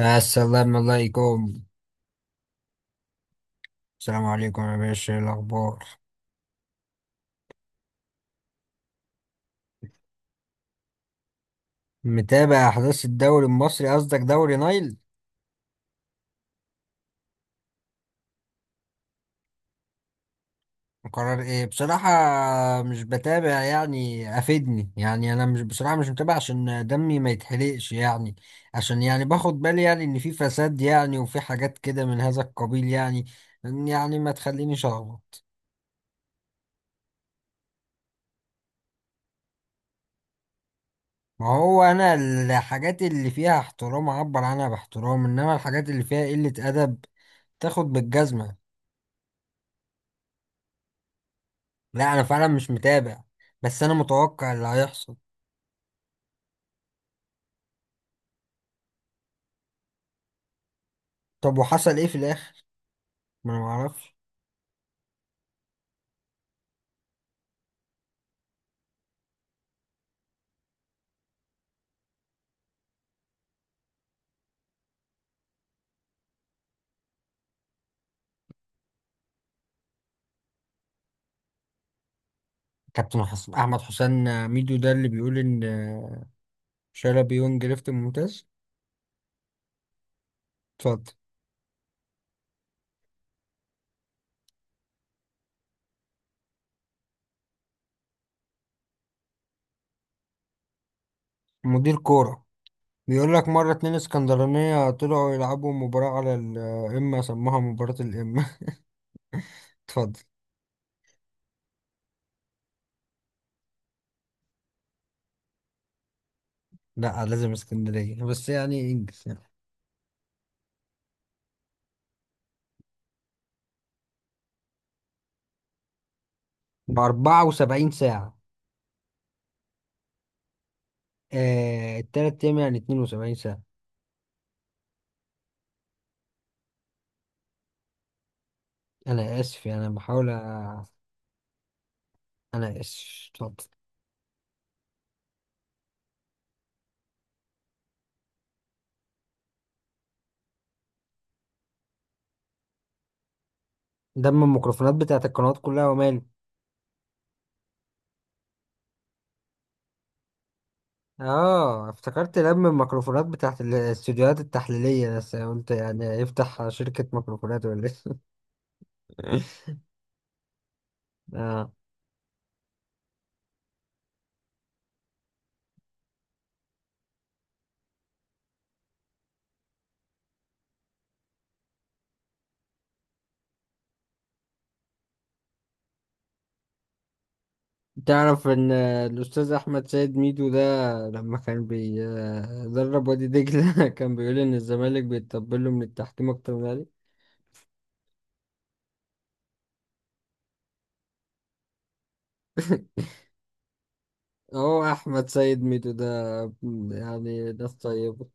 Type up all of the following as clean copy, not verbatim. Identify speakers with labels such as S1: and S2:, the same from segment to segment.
S1: السلام عليكم. السلام عليكم يا باشا، إيه الأخبار؟ متابع أحداث الدوري المصري؟ قصدك دوري نايل. قرار إيه بصراحة؟ مش بتابع، يعني أفيدني يعني. أنا مش، بصراحة مش متابع عشان دمي ما يتحرقش يعني. عشان يعني باخد بالي يعني إن في فساد يعني وفي حاجات كده من هذا القبيل يعني. يعني ما تخلينيش أغلط. ما هو أنا الحاجات اللي فيها احترام أعبر عنها باحترام، إنما الحاجات اللي فيها قلة أدب تاخد بالجزمة. لا، انا فعلا مش متابع، بس انا متوقع اللي هيحصل. طب وحصل ايه في الاخر؟ ما انا معرفش. كابتن حسن احمد حسام ميدو ده اللي بيقول ان شلبي يونج ليفت ممتاز. اتفضل. مدير كورة. بيقول لك مرة اتنين اسكندرانية طلعوا يلعبوا مباراة على القمة سموها مباراة القمة. اتفضل. لا، لازم اسكندرية بس، يعني انجز يعني. ب74 ساعة. آه، التلات أيام يعني 72 ساعة. أنا آسف، يعني أنا بحاول. أنا آسف، اتفضل. دم الميكروفونات بتاعت القنوات كلها وماله؟ اه، افتكرت دم الميكروفونات بتاعت الاستوديوهات التحليلية، بس قلت يعني يفتح شركة ميكروفونات ولا ايه؟ اه. تعرف ان الاستاذ احمد سيد ميدو ده لما كان بيدرب وادي دجلة كان بيقول ان الزمالك بيتطبل له من التحكيم اكتر من الاهلي. هو احمد سيد ميدو ده، يعني ناس طيبة.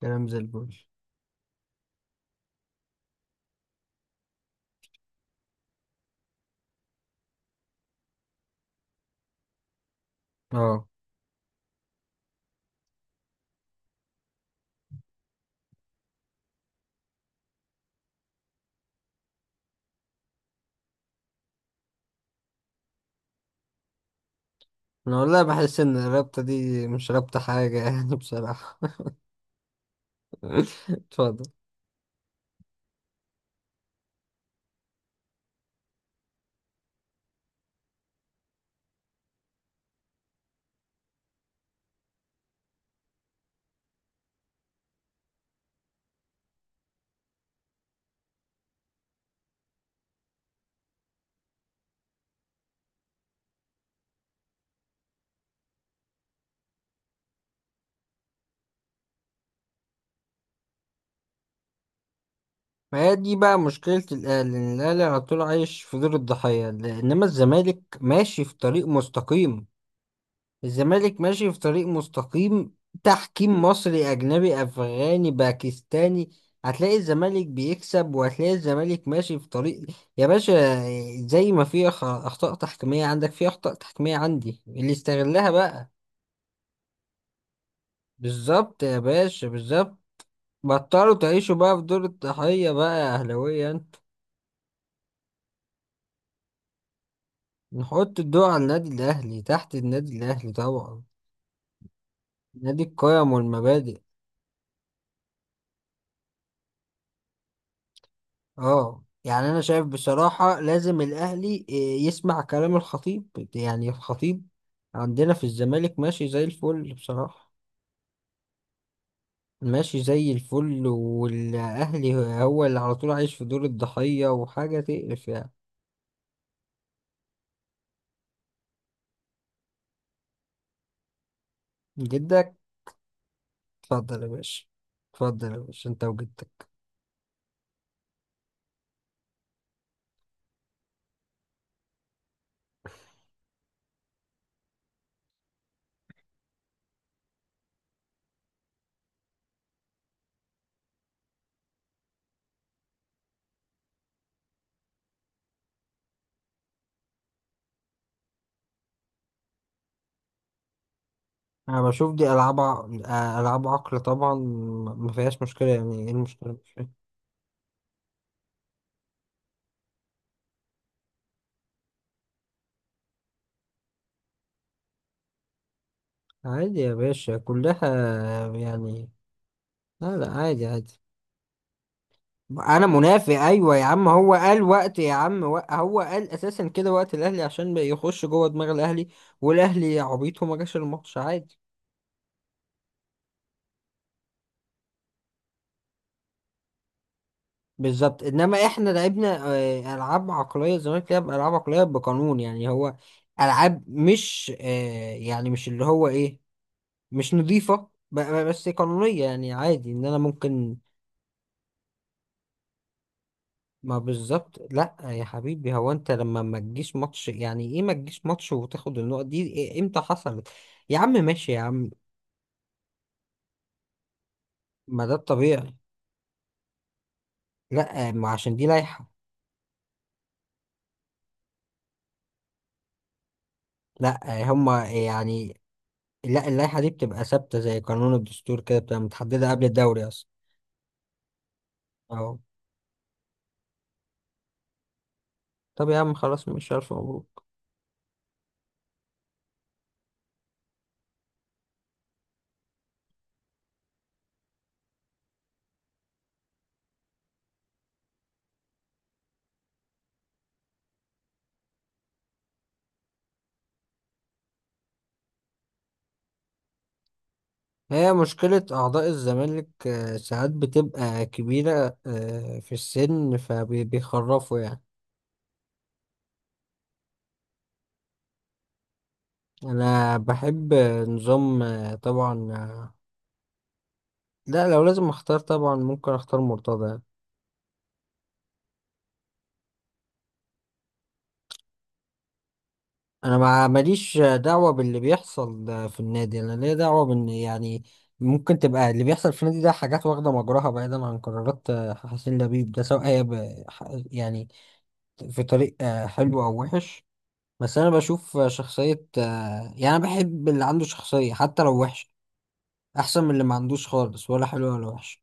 S1: كلام زي الفل. اه، انا والله بحس ان الرابطة دي مش رابطة حاجة يعني بصراحة. اتفضل. ما هي دي بقى مشكلة الأهلي، إن الأهلي على طول عايش في دور الضحية، إنما الزمالك ماشي في طريق مستقيم. الزمالك ماشي في طريق مستقيم، تحكيم مصري أجنبي أفغاني باكستاني. هتلاقي الزمالك بيكسب، وهتلاقي الزمالك ماشي في طريق، يا باشا. زي ما في أخطاء تحكيمية عندك، في أخطاء تحكيمية عندي اللي استغلها بقى. بالظبط يا باشا، بالظبط. بطلوا تعيشوا بقى في دور الضحية بقى يا أهلاوية. نحط الضوء على النادي الأهلي، تحت النادي الأهلي طبعا. نادي القيم والمبادئ. اه، يعني أنا شايف بصراحة لازم الأهلي يسمع كلام الخطيب. يعني الخطيب عندنا في الزمالك ماشي زي الفل بصراحة. ماشي زي الفل. والأهلي هو اللي على طول عايش في دور الضحية، وحاجة تقرف يعني. جدك؟ اتفضل يا باشا. اتفضل يا باشا انت وجدك. أنا بشوف دي ألعاب ألعاب عقل طبعا. ما فيهاش مشكلة، يعني ايه المشكلة؟ عادي يا باشا، كلها يعني. لا لا، عادي عادي. انا منافق، ايوه يا عم، هو قال وقت يا عم، هو قال اساسا كده وقت الاهلي عشان ما يخش جوه دماغ الاهلي. والاهلي عبيط وما جاش الماتش، عادي. بالظبط، انما احنا لعبنا العاب عقليه، الزمالك لعب العاب عقليه بقانون يعني. هو العاب مش يعني مش اللي هو ايه، مش نظيفه، بس قانونيه يعني، عادي ان انا ممكن. ما بالظبط، لا يا حبيبي، هو انت لما ما تجيش ماتش يعني ايه ما تجيش ماتش وتاخد النقط دي؟ امتى حصلت؟ يا عم ماشي يا عم. ما ده الطبيعي. لا، ما عشان دي لائحة. لا، هما يعني. لا، اللائحة دي بتبقى ثابتة زي قانون الدستور كده، بتبقى متحددة قبل الدوري اصلا. اهو. طب يا عم خلاص، مش عارف، مبروك. هي مشكلة أعضاء الزمالك ساعات بتبقى كبيرة في السن فبيخرفوا يعني. انا بحب نظام طبعا لا، لو لازم اختار طبعا ممكن اختار مرتضى. انا ما ماليش دعوة باللي بيحصل في النادي، انا ليا دعوة بان يعني ممكن تبقى اللي بيحصل في النادي ده حاجات واخدة مجراها، بعيدا عن قرارات حسين لبيب ده، سواء هي يعني في طريق حلو او وحش. بس انا بشوف شخصية يعني انا بحب اللي عنده شخصية حتى لو وحش. احسن من اللي ما عندوش خالص، ولا حلو ولا وحش.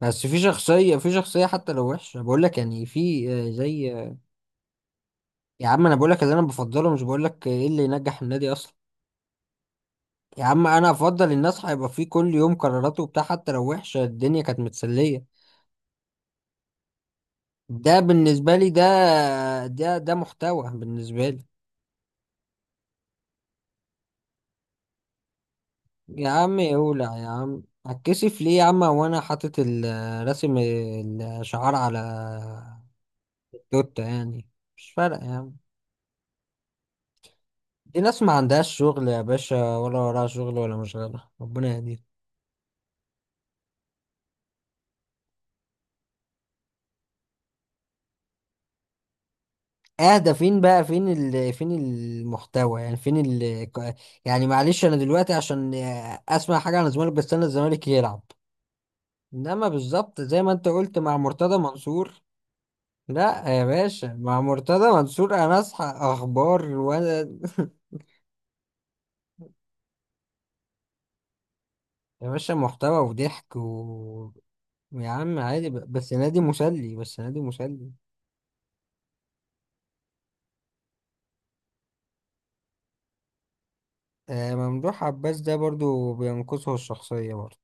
S1: بس في شخصية، في شخصية حتى لو وحشة، بقول لك يعني، في زي يا عم انا بقول لك اللي انا بفضله، مش بقول لك ايه اللي ينجح النادي اصلا. يا عم انا افضل الناس هيبقى في كل يوم قراراته وبتاع، حتى لو وحشة الدنيا كانت متسلية. ده بالنسبة لي، ده محتوى بالنسبة لي. يا عم يولع يا عم، هتكسف ليه يا عم وانا حاطط راسم الشعار على توتة يعني. مش فارقة يا عم. دي ناس ما عندهاش شغل يا باشا، ولا وراها شغل ولا مشغلة، ربنا يهديهم. اه ده فين بقى؟ فين فين المحتوى يعني؟ فين ال... ك- يعني معلش، انا دلوقتي عشان اسمع حاجه عن الزمالك بستنى الزمالك يلعب. انما بالظبط زي ما انت قلت، مع مرتضى منصور. لا يا باشا، مع مرتضى منصور انا اصحى اخبار وانا يا باشا محتوى وضحك و. يا عم عادي، بس نادي مسلي، بس نادي مسلي. آه، ممدوح عباس ده برضو بينقصه الشخصيه برضو.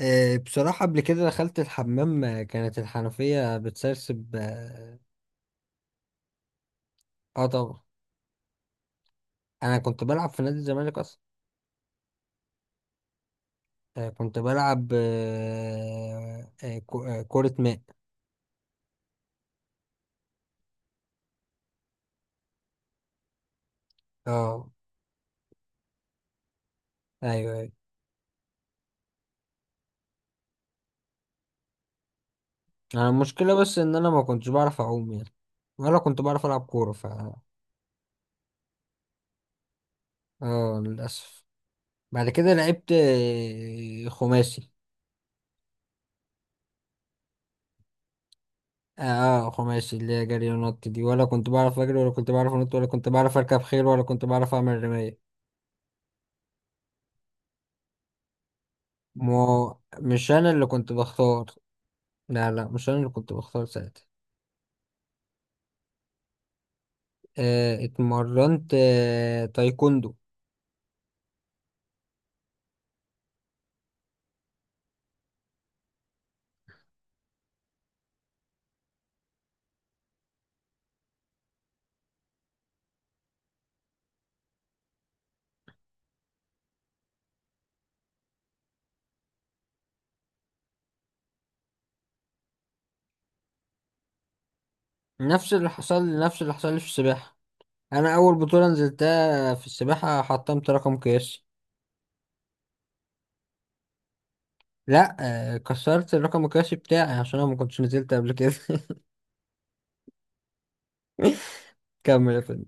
S1: بصراحة قبل كده دخلت الحمام، كانت الحنفية بتسرسب اه. آه طبعا. أنا كنت بلعب في نادي الزمالك أصلا. كنت بلعب كرة ماء. اه أيوه أيوه. أنا المشكلة بس إن أنا ما كنتش بعرف أعوم يعني، ولا كنت بعرف ألعب كورة ف. اه، للأسف. بعد كده لعبت خماسي. اه، خماسي اللي هي جري ونط دي، ولا كنت بعرف أجري ولا كنت بعرف أنط ولا كنت بعرف أركب خيل ولا كنت بعرف أعمل رماية. ما هو مش انا اللي كنت بختار. لا لا، مش انا اللي كنت بختار ساعتها. اتمرنت تايكوندو. نفس اللي حصل لي، نفس اللي حصل لي في السباحة. انا اول بطولة نزلتها في السباحة حطمت رقم قياسي. لا، كسرت الرقم القياسي بتاعي عشان انا ما كنتش نزلت قبل كده. كمل يا فندم.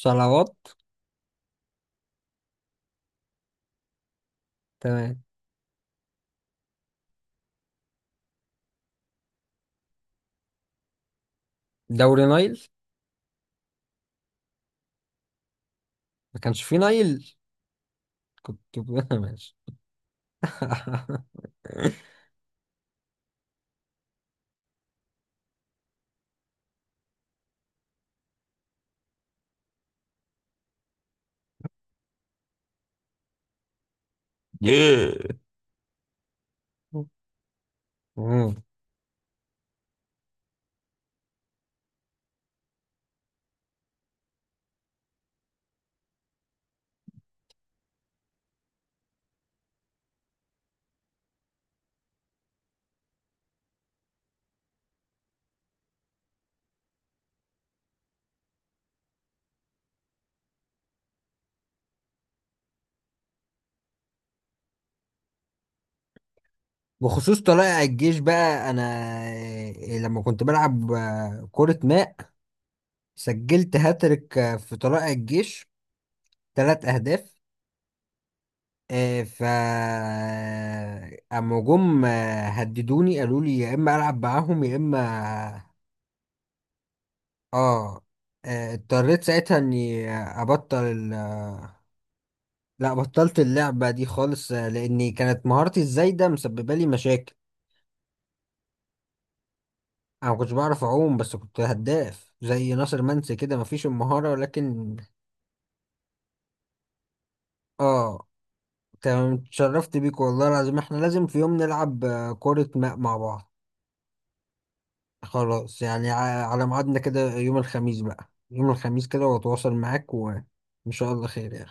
S1: صلوات. تمام. دوري نايل. ما كانش فيه نايل. كنت ماشي. بخصوص طلائع الجيش بقى، انا لما كنت بلعب كرة ماء سجلت هاتريك في طلائع الجيش، 3 اهداف. آه، ف اما جم هددوني قالوا لي يا اما العب معاهم يا اما. اه، اضطريت ساعتها اني ابطل لا بطلت اللعبة دي خالص، لاني كانت مهارتي الزايدة مسببة لي مشاكل. انا ما كنتش بعرف اعوم، بس كنت هداف زي ناصر منسي كده، مفيش المهارة ولكن. اه. تمام، اتشرفت بيك والله العظيم، احنا لازم في يوم نلعب كرة ماء مع بعض. خلاص يعني، على ميعادنا كده يوم الخميس بقى، يوم الخميس كده واتواصل معاك، وان شاء الله خير يعني.